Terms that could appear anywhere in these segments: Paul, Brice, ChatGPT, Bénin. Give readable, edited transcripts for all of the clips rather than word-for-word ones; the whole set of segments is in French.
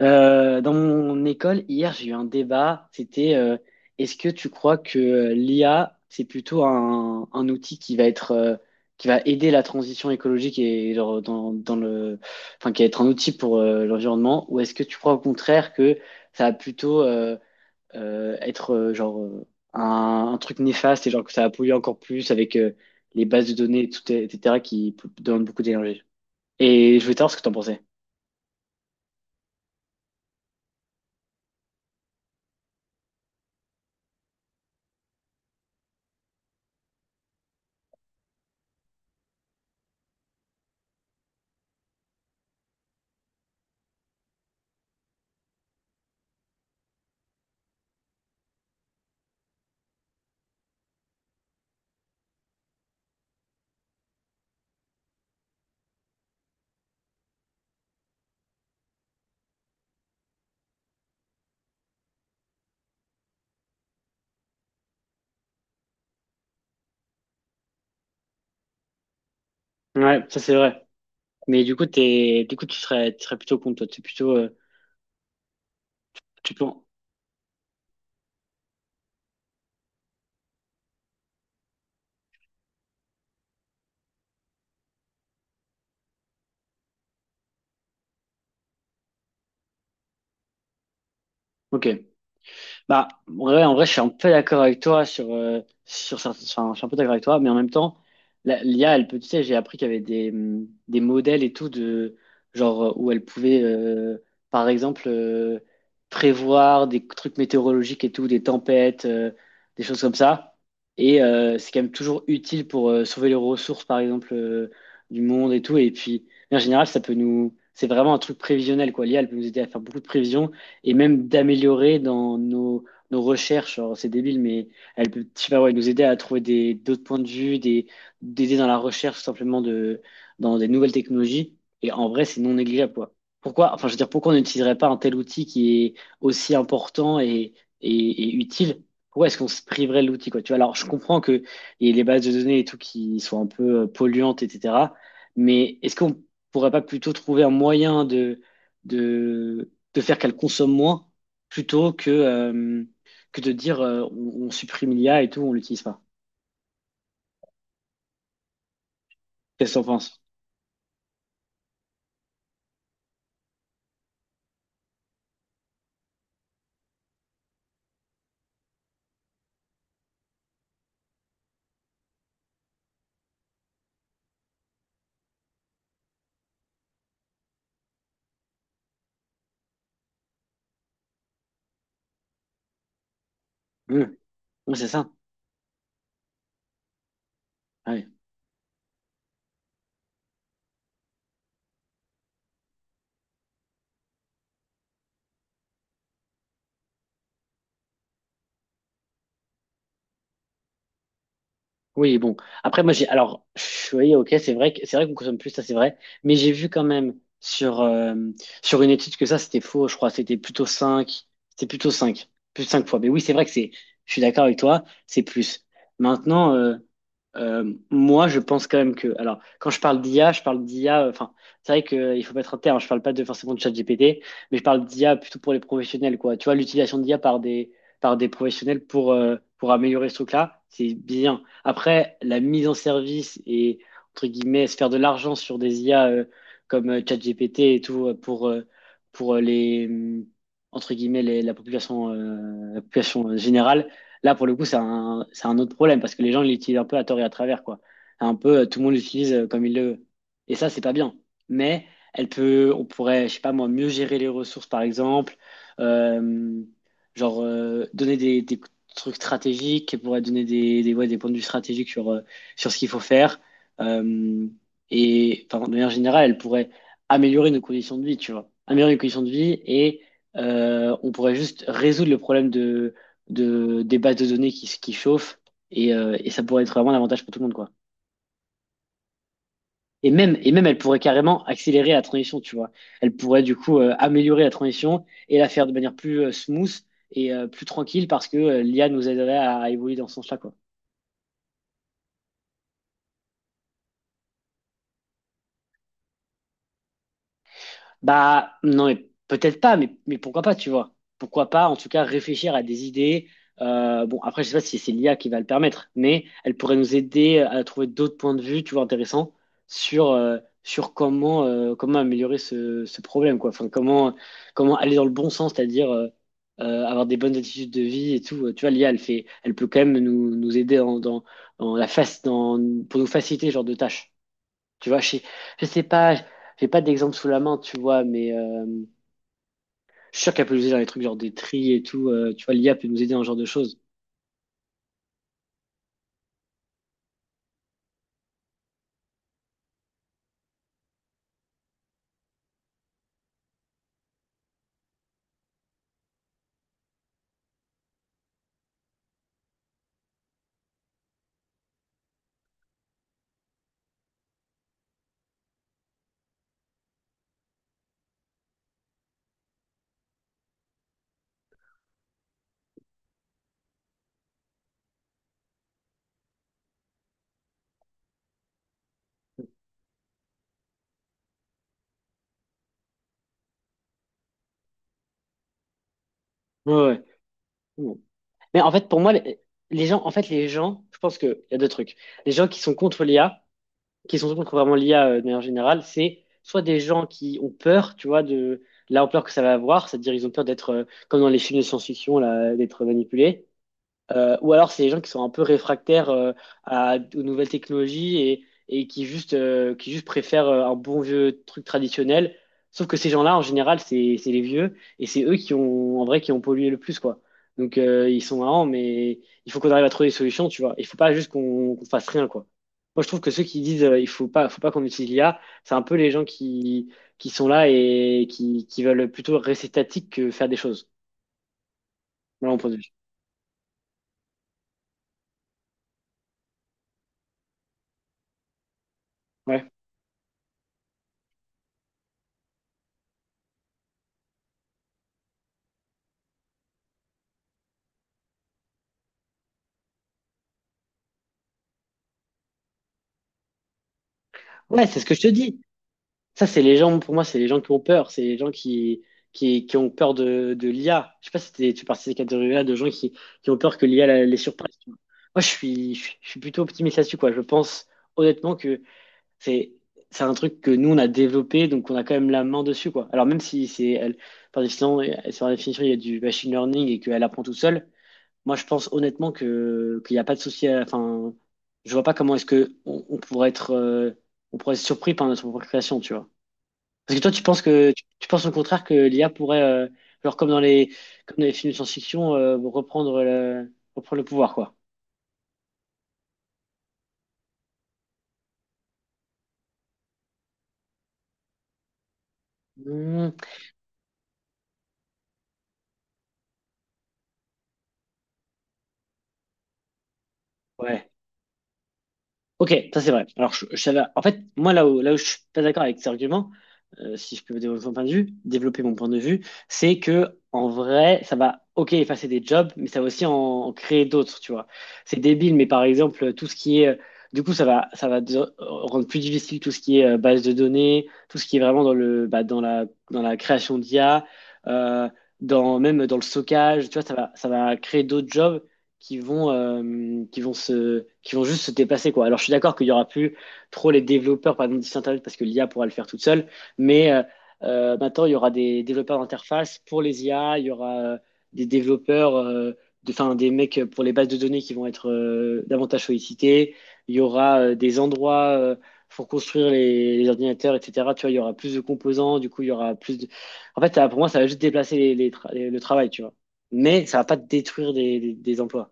Dans mon école, hier, j'ai eu un débat. C'était est-ce que tu crois que l'IA, c'est plutôt un outil qui va être qui va aider la transition écologique et genre, dans le, enfin, qui va être un outil pour l'environnement, ou est-ce que tu crois au contraire que ça va plutôt être genre un truc néfaste et genre que ça va polluer encore plus avec les bases de données, tout, et cetera qui demandent beaucoup d'énergie. Et je voulais savoir ce que tu en pensais. Ouais, ça c'est vrai. Mais du coup, tu serais plutôt contre toi. Tu plutôt, tu penses. Ok. Bah, ouais, en vrai, je suis un peu d'accord avec toi sur, sur enfin, je suis un peu d'accord avec toi, mais en même temps, l'IA, elle peut, tu sais, j'ai appris qu'il y avait des modèles et tout de, genre, où elle pouvait, par exemple, prévoir des trucs météorologiques et tout, des tempêtes, des choses comme ça. Et c'est quand même toujours utile pour sauver les ressources, par exemple, du monde et tout. Et puis, en général, ça peut nous, c'est vraiment un truc prévisionnel, quoi. L'IA, elle peut nous aider à faire beaucoup de prévisions et même d'améliorer dans nos recherches. Alors, c'est débile, mais elle peut, je sais pas, ouais, nous aider à trouver des, d'autres points de vue, des, d'aider dans la recherche simplement de, dans des nouvelles technologies. Et en vrai, c'est non négligeable, quoi. Pourquoi, enfin, je veux dire, pourquoi on n'utiliserait pas un tel outil qui est aussi important et utile? Pourquoi est-ce qu'on se priverait de l'outil, quoi? Tu vois, alors, je comprends que et les bases de données et tout qui sont un peu polluantes, etc. Mais est-ce qu'on pourrait pas plutôt trouver un moyen de, de faire qu'elle consomme moins plutôt que de dire on supprime l'IA et tout, on l'utilise pas. Qu'est-ce que t'en penses? Mmh. Ouais, c'est ça. Ouais. Oui, bon. Après, moi, j'ai. Alors, pff, oui, ok, c'est vrai que c'est vrai qu'on consomme plus, ça, c'est vrai. Mais j'ai vu quand même sur, sur une étude que ça, c'était faux, je crois. C'était plutôt 5 Plus de 5 fois. Mais oui, c'est vrai que c'est. Je suis d'accord avec toi, c'est plus. Maintenant, moi, je pense quand même que. Alors, quand je parle d'IA, je parle d'IA. Enfin, c'est vrai qu'il faut mettre un terme. Je parle pas de forcément de ChatGPT, mais je parle d'IA plutôt pour les professionnels, quoi. Tu vois, l'utilisation d'IA par des professionnels pour améliorer ce truc-là, c'est bien. Après, la mise en service et, entre guillemets, se faire de l'argent sur des IA comme ChatGPT et tout pour les, entre guillemets, la population générale, là, pour le coup, c'est un autre problème parce que les gens l'utilisent un peu à tort et à travers, quoi. Un peu, tout le monde l'utilise comme il le veut. Et ça, c'est pas bien. Mais elle peut, on pourrait, je sais pas moi, mieux gérer les ressources, par exemple. Euh, genre, donner des trucs stratégiques, qui pourrait donner des, ouais, des points de vue stratégiques sur, sur ce qu'il faut faire. Euh, et enfin, de manière générale, elle pourrait améliorer nos conditions de vie, tu vois. Améliorer les conditions de vie et on pourrait juste résoudre le problème des bases de données qui chauffent et ça pourrait être vraiment un avantage pour tout le monde, quoi. Et même, elle pourrait carrément accélérer la transition, tu vois. Elle pourrait du coup améliorer la transition et la faire de manière plus smooth et plus tranquille parce que l'IA nous aiderait à évoluer dans ce sens-là, quoi. Bah, non, mais peut-être pas, mais pourquoi pas, tu vois. Pourquoi pas, en tout cas, réfléchir à des idées. Bon, après, je sais pas si c'est l'IA qui va le permettre, mais elle pourrait nous aider à trouver d'autres points de vue, tu vois, intéressants sur, sur comment améliorer ce problème, quoi. Enfin, comment aller dans le bon sens, c'est-à-dire avoir des bonnes attitudes de vie et tout. Tu vois, l'IA, elle fait, elle peut quand même nous aider dans la face, pour nous faciliter ce genre de tâches. Tu vois, je sais pas, j'ai pas d'exemple sous la main, tu vois, mais je suis sûr qu'elle peut nous aider dans les trucs genre des tris et tout. Tu vois, l'IA peut nous aider dans ce genre de choses. Ouais, ouais. Bon. Mais en fait, pour moi, les gens, en fait, les gens, je pense qu'il y a deux trucs. Les gens qui sont contre l'IA, qui sont contre vraiment l'IA de manière générale, c'est soit des gens qui ont peur, tu vois, de l'ampleur que ça va avoir, c'est-à-dire ils ont peur d'être, comme dans les films de science-fiction, là, d'être manipulés. Ou alors, c'est les gens qui sont un peu réfractaires aux nouvelles technologies et qui juste préfèrent un bon vieux truc traditionnel. Sauf que ces gens-là, en général, c'est les vieux et c'est eux qui ont, en vrai, qui ont pollué le plus, quoi. Donc, ils sont marrants, mais il faut qu'on arrive à trouver des solutions, tu vois. Il faut pas juste qu'on fasse rien, quoi. Moi, je trouve que ceux qui disent il faut pas qu'on utilise l'IA, c'est un peu les gens qui sont là et qui veulent plutôt rester statiques que faire des choses, de mon point de vue. Ouais. Ouais, c'est ce que je te dis. Ça, c'est les gens, pour moi, c'est les gens qui ont peur. C'est les gens qui ont peur de l'IA. Je sais pas si tu fais partie de ces catégories-là de gens qui ont peur que l'IA les surpasse, tu vois. Moi, je suis plutôt optimiste là-dessus, quoi. Je pense honnêtement que c'est, c'est un truc que nous, on a développé, donc on a quand même la main dessus, quoi. Alors, même si c'est, elle, par définition, sur la définition, il y a du machine learning et qu'elle apprend tout seule, moi, je pense honnêtement que, qu'il n'y a pas de souci à, enfin, je vois pas comment est-ce que on pourrait être surpris par notre propre création, tu vois. Parce que toi, tu penses que tu penses au contraire que l'IA pourrait, genre comme dans les films de science-fiction, reprendre le pouvoir, quoi. Hmm, ouais. Ok, ça c'est vrai. Alors, en fait, moi, là où je suis pas d'accord avec cet argument, si je peux développer mon point de vue, développer mon point de vue, c'est que, en vrai, ça va, ok, effacer des jobs, mais ça va aussi en créer d'autres, tu vois. C'est débile, mais par exemple, tout ce qui est, du coup, rendre plus difficile tout ce qui est base de données, tout ce qui est vraiment dans le, bah, dans la création d'IA, euh, dans, même dans le stockage, tu vois, ça va créer d'autres jobs qui vont juste se dépasser, quoi. Alors, je suis d'accord qu'il y aura plus trop les développeurs, par exemple, du site internet parce que l'IA pourra le faire toute seule, mais maintenant, il y aura des développeurs d'interface pour les IA, il y aura des développeurs, de, enfin, des mecs pour les bases de données qui vont être davantage sollicités, il y aura des endroits pour construire les ordinateurs, etc. Tu vois, il y aura plus de composants, du coup, il y aura plus de... En fait, ça, pour moi, ça va juste déplacer le travail, tu vois. Mais ça va pas détruire des emplois.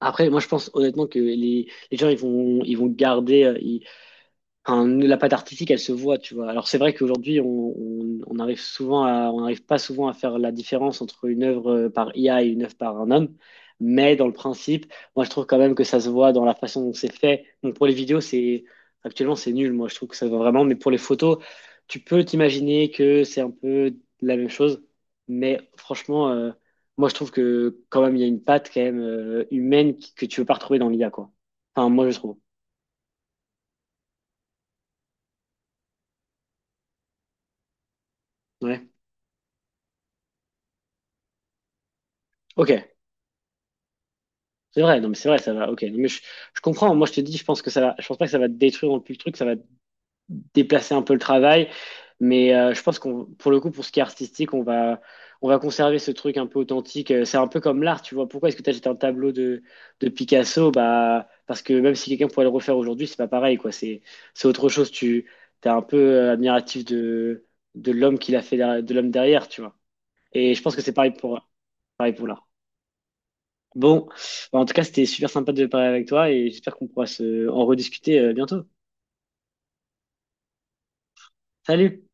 Après, moi, je pense honnêtement que les gens, ils vont garder, enfin, la patte artistique, elle se voit, tu vois. Alors c'est vrai qu'aujourd'hui, on n'arrive pas souvent à faire la différence entre une œuvre par IA et une œuvre par un homme. Mais dans le principe, moi je trouve quand même que ça se voit dans la façon dont c'est fait. Donc pour les vidéos, c'est actuellement c'est nul. Moi je trouve que ça va vraiment. Mais pour les photos, tu peux t'imaginer que c'est un peu la même chose. Mais franchement, moi je trouve que quand même il y a une patte quand même humaine que tu veux pas retrouver dans l'IA quoi. Enfin moi je trouve. Ouais. Ok. C'est vrai, non, mais c'est vrai, ça va. Ok, non, mais je comprends. Moi, je te dis, je pense que ça va. Je pense pas que ça va détruire non plus le truc, ça va déplacer un peu le travail. Mais je pense qu'on, pour le coup, pour ce qui est artistique, on va conserver ce truc un peu authentique. C'est un peu comme l'art, tu vois. Pourquoi est-ce que tu jeté un tableau de Picasso? Bah, parce que même si quelqu'un pourrait le refaire aujourd'hui, c'est pas pareil, quoi. C'est autre chose. T'es un peu admiratif de l'homme qui l'a fait, de l'homme derrière, tu vois. Et je pense que c'est pareil pour l'art. Bon, bah, en tout cas, c'était super sympa de parler avec toi et j'espère qu'on pourra se en rediscuter bientôt. Salut!